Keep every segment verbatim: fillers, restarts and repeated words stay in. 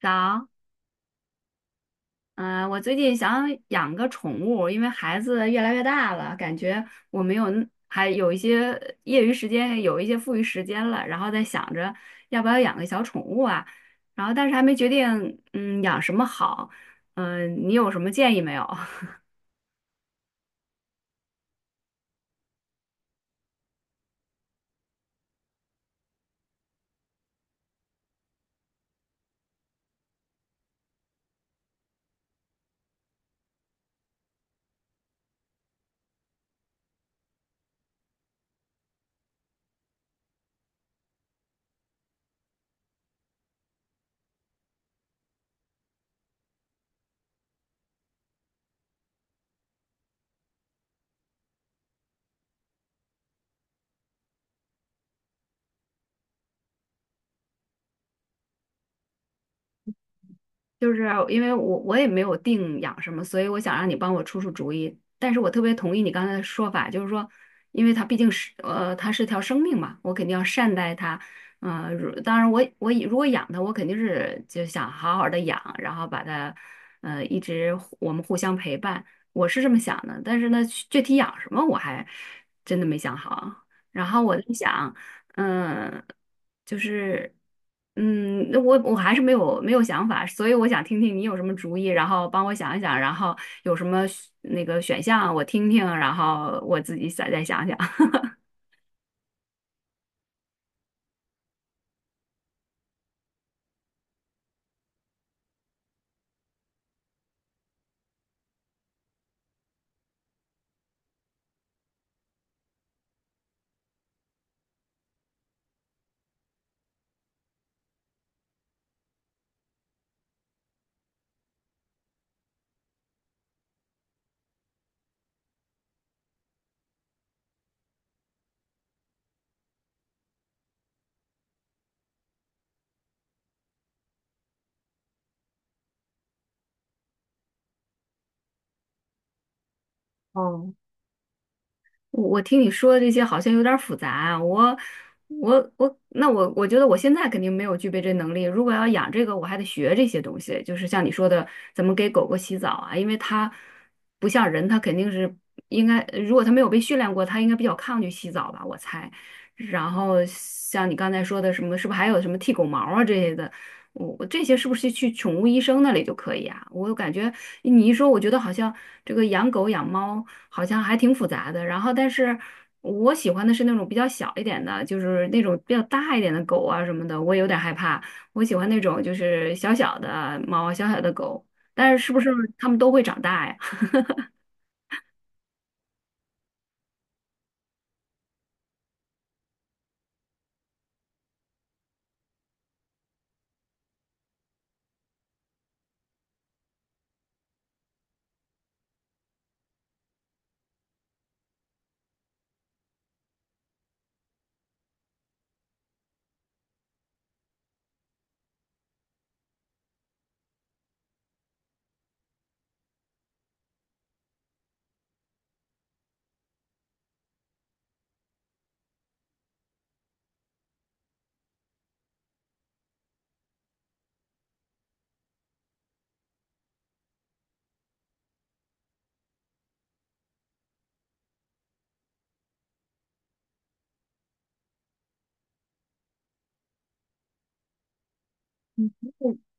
早。嗯、我最近想养个宠物，因为孩子越来越大了，感觉我没有那还有一些业余时间，有一些富余时间了，然后在想着要不要养个小宠物啊。然后但是还没决定，嗯，养什么好。嗯、你有什么建议没有？就是因为我我也没有定养什么，所以我想让你帮我出出主意。但是我特别同意你刚才的说法，就是说，因为它毕竟是呃，它是条生命嘛，我肯定要善待它。嗯、呃如当然我我如果养它，我肯定是就想好好的养，然后把它呃一直互我们互相陪伴，我是这么想的。但是呢，具体养什么我还真的没想好啊，然后我在想。嗯，就是，嗯，那我我还是没有没有想法，所以我想听听你有什么主意，然后帮我想一想，然后有什么选那个选项我听听，然后我自己再再想想。哦，我我听你说的这些好像有点儿复杂啊，我我我，那我我觉得我现在肯定没有具备这能力。如果要养这个，我还得学这些东西，就是像你说的，怎么给狗狗洗澡啊，因为它不像人，它肯定是应该，如果它没有被训练过，它应该比较抗拒洗澡吧，我猜。然后像你刚才说的什么，是不是还有什么剃狗毛啊这些的？我我这些是不是去宠物医生那里就可以啊？我感觉你一说，我觉得好像这个养狗养猫好像还挺复杂的。然后，但是我喜欢的是那种比较小一点的，就是那种比较大一点的狗啊什么的，我有点害怕。我喜欢那种就是小小的猫、小小的狗，但是是不是它们都会长大呀？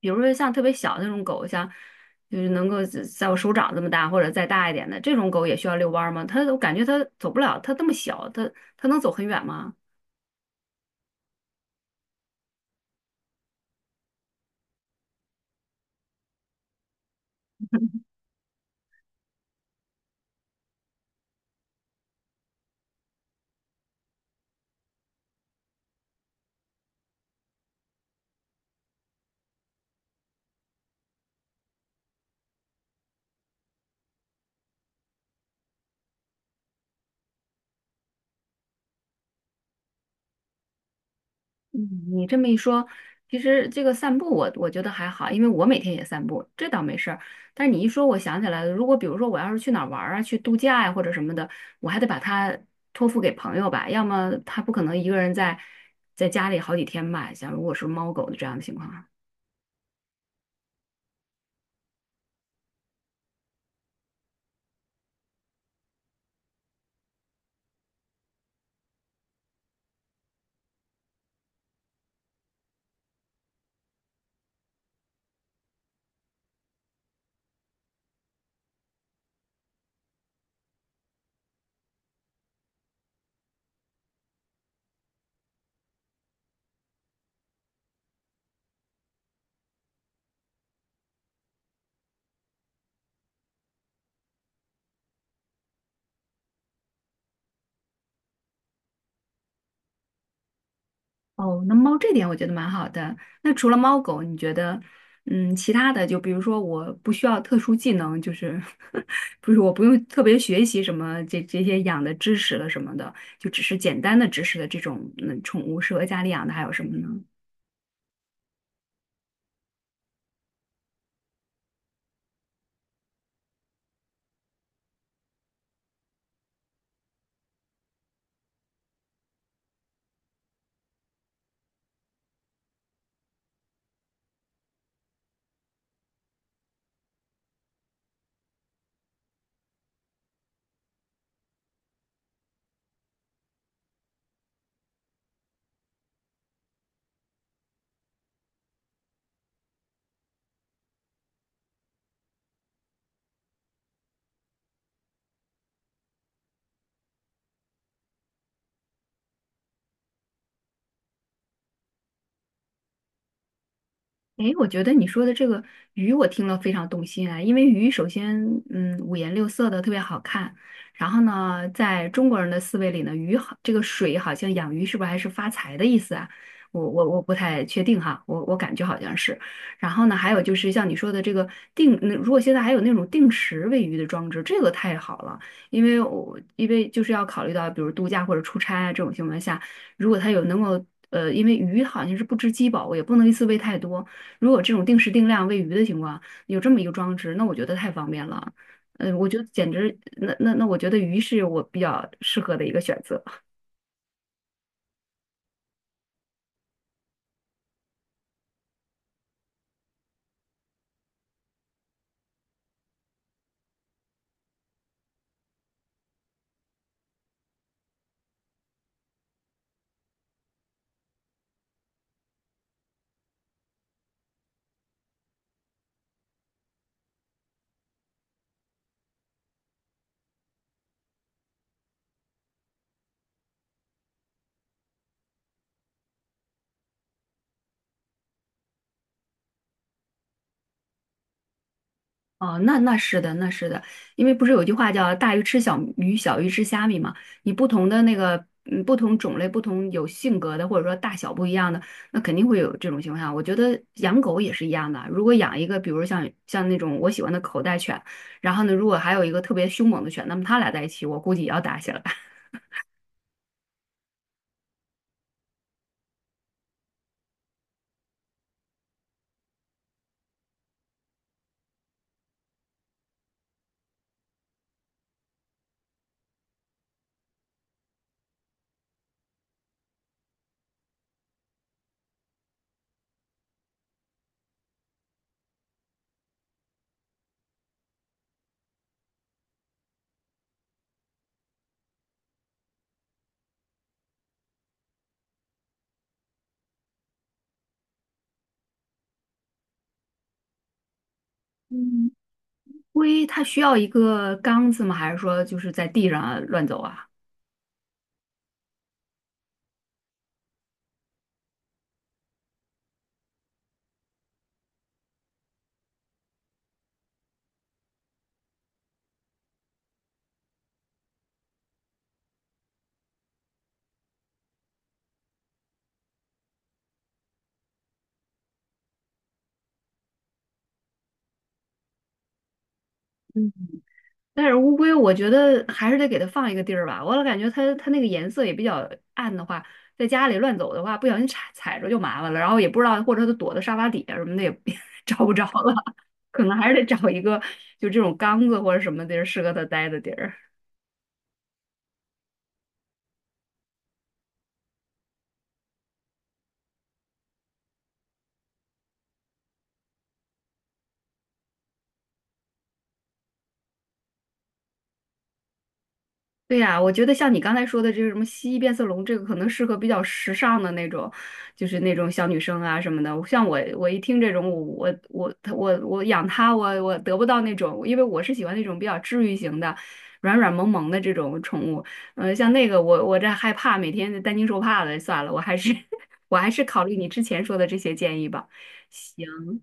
比如说像特别小的那种狗，像就是能够在在我手掌这么大或者再大一点的这种狗，也需要遛弯儿吗？它我感觉它走不了，它这么小，它它能走很远吗？嗯，你这么一说，其实这个散步我我觉得还好，因为我每天也散步，这倒没事儿。但是你一说，我想起来了，如果比如说我要是去哪儿玩儿啊，去度假呀、或者什么的，我还得把它托付给朋友吧，要么他不可能一个人在在家里好几天吧，像如果是猫狗的这样的情况。哦，那猫这点我觉得蛮好的。那除了猫狗，你觉得，嗯，其他的就比如说我不需要特殊技能，就是 不是我不用特别学习什么这这些养的知识了什么的，就只是简单的知识的这种，嗯，宠物适合家里养的还有什么呢？诶，我觉得你说的这个鱼，我听了非常动心啊。因为鱼首先，嗯，五颜六色的，特别好看。然后呢，在中国人的思维里呢，鱼好，这个水好像养鱼是不是还是发财的意思啊？我我我不太确定哈，我我感觉好像是。然后呢，还有就是像你说的这个定，嗯，如果现在还有那种定时喂鱼的装置，这个太好了，因为我因为就是要考虑到，比如度假或者出差啊这种情况下，如果它有能够。呃，因为鱼好像是不知饥饱，我也不能一次喂太多，如果这种定时定量喂鱼的情况，有这么一个装置，那我觉得太方便了。呃，我觉得简直，那那那，我觉得鱼是我比较适合的一个选择。哦，那那是的，那是的，因为不是有句话叫“大鱼吃小鱼，小鱼吃虾米”嘛？你不同的那个，嗯，不同种类、不同有性格的，或者说大小不一样的，那肯定会有这种情况下。我觉得养狗也是一样的，如果养一个，比如像像那种我喜欢的口袋犬，然后呢，如果还有一个特别凶猛的犬，那么它俩在一起，我估计也要打起来。嗯，龟它需要一个缸子吗？还是说就是在地上啊乱走啊？但是乌龟，我觉得还是得给它放一个地儿吧。我老感觉它它那个颜色也比较暗的话，在家里乱走的话，不小心踩踩着就麻烦了。然后也不知道，或者它躲在沙发底下什么的也 找不着了，可能还是得找一个就这种缸子或者什么地儿适合它待的地儿。对呀，我觉得像你刚才说的这个什么蜥蜴变色龙，这个可能适合比较时尚的那种，就是那种小女生啊什么的。像我，我一听这种，我我我我我养它，我我得不到那种，因为我是喜欢那种比较治愈型的、软软萌萌的这种宠物。嗯，像那个我我这害怕，每天担惊受怕的，算了，我还是 我还是考虑你之前说的这些建议吧。行。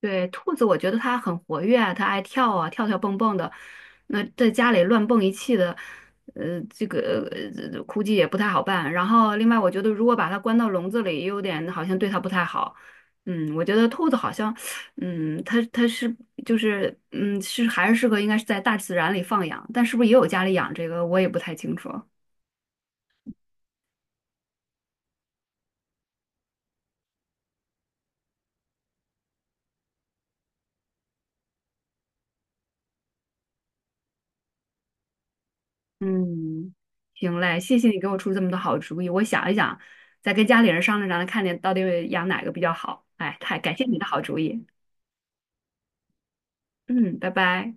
对，兔子，我觉得它很活跃啊，它爱跳啊，跳跳蹦蹦的。那在家里乱蹦一气的，呃，这个呃估计也不太好办。然后，另外，我觉得如果把它关到笼子里，也有点好像对它不太好。嗯，我觉得兔子好像，嗯，它它是就是嗯是还是适合应该是在大自然里放养，但是不是也有家里养这个，我也不太清楚。嗯，行嘞，谢谢你给我出这么多好主意，我想一想，再跟家里人商量商量，看见到底养哪个比较好。哎，太感谢你的好主意。嗯，拜拜。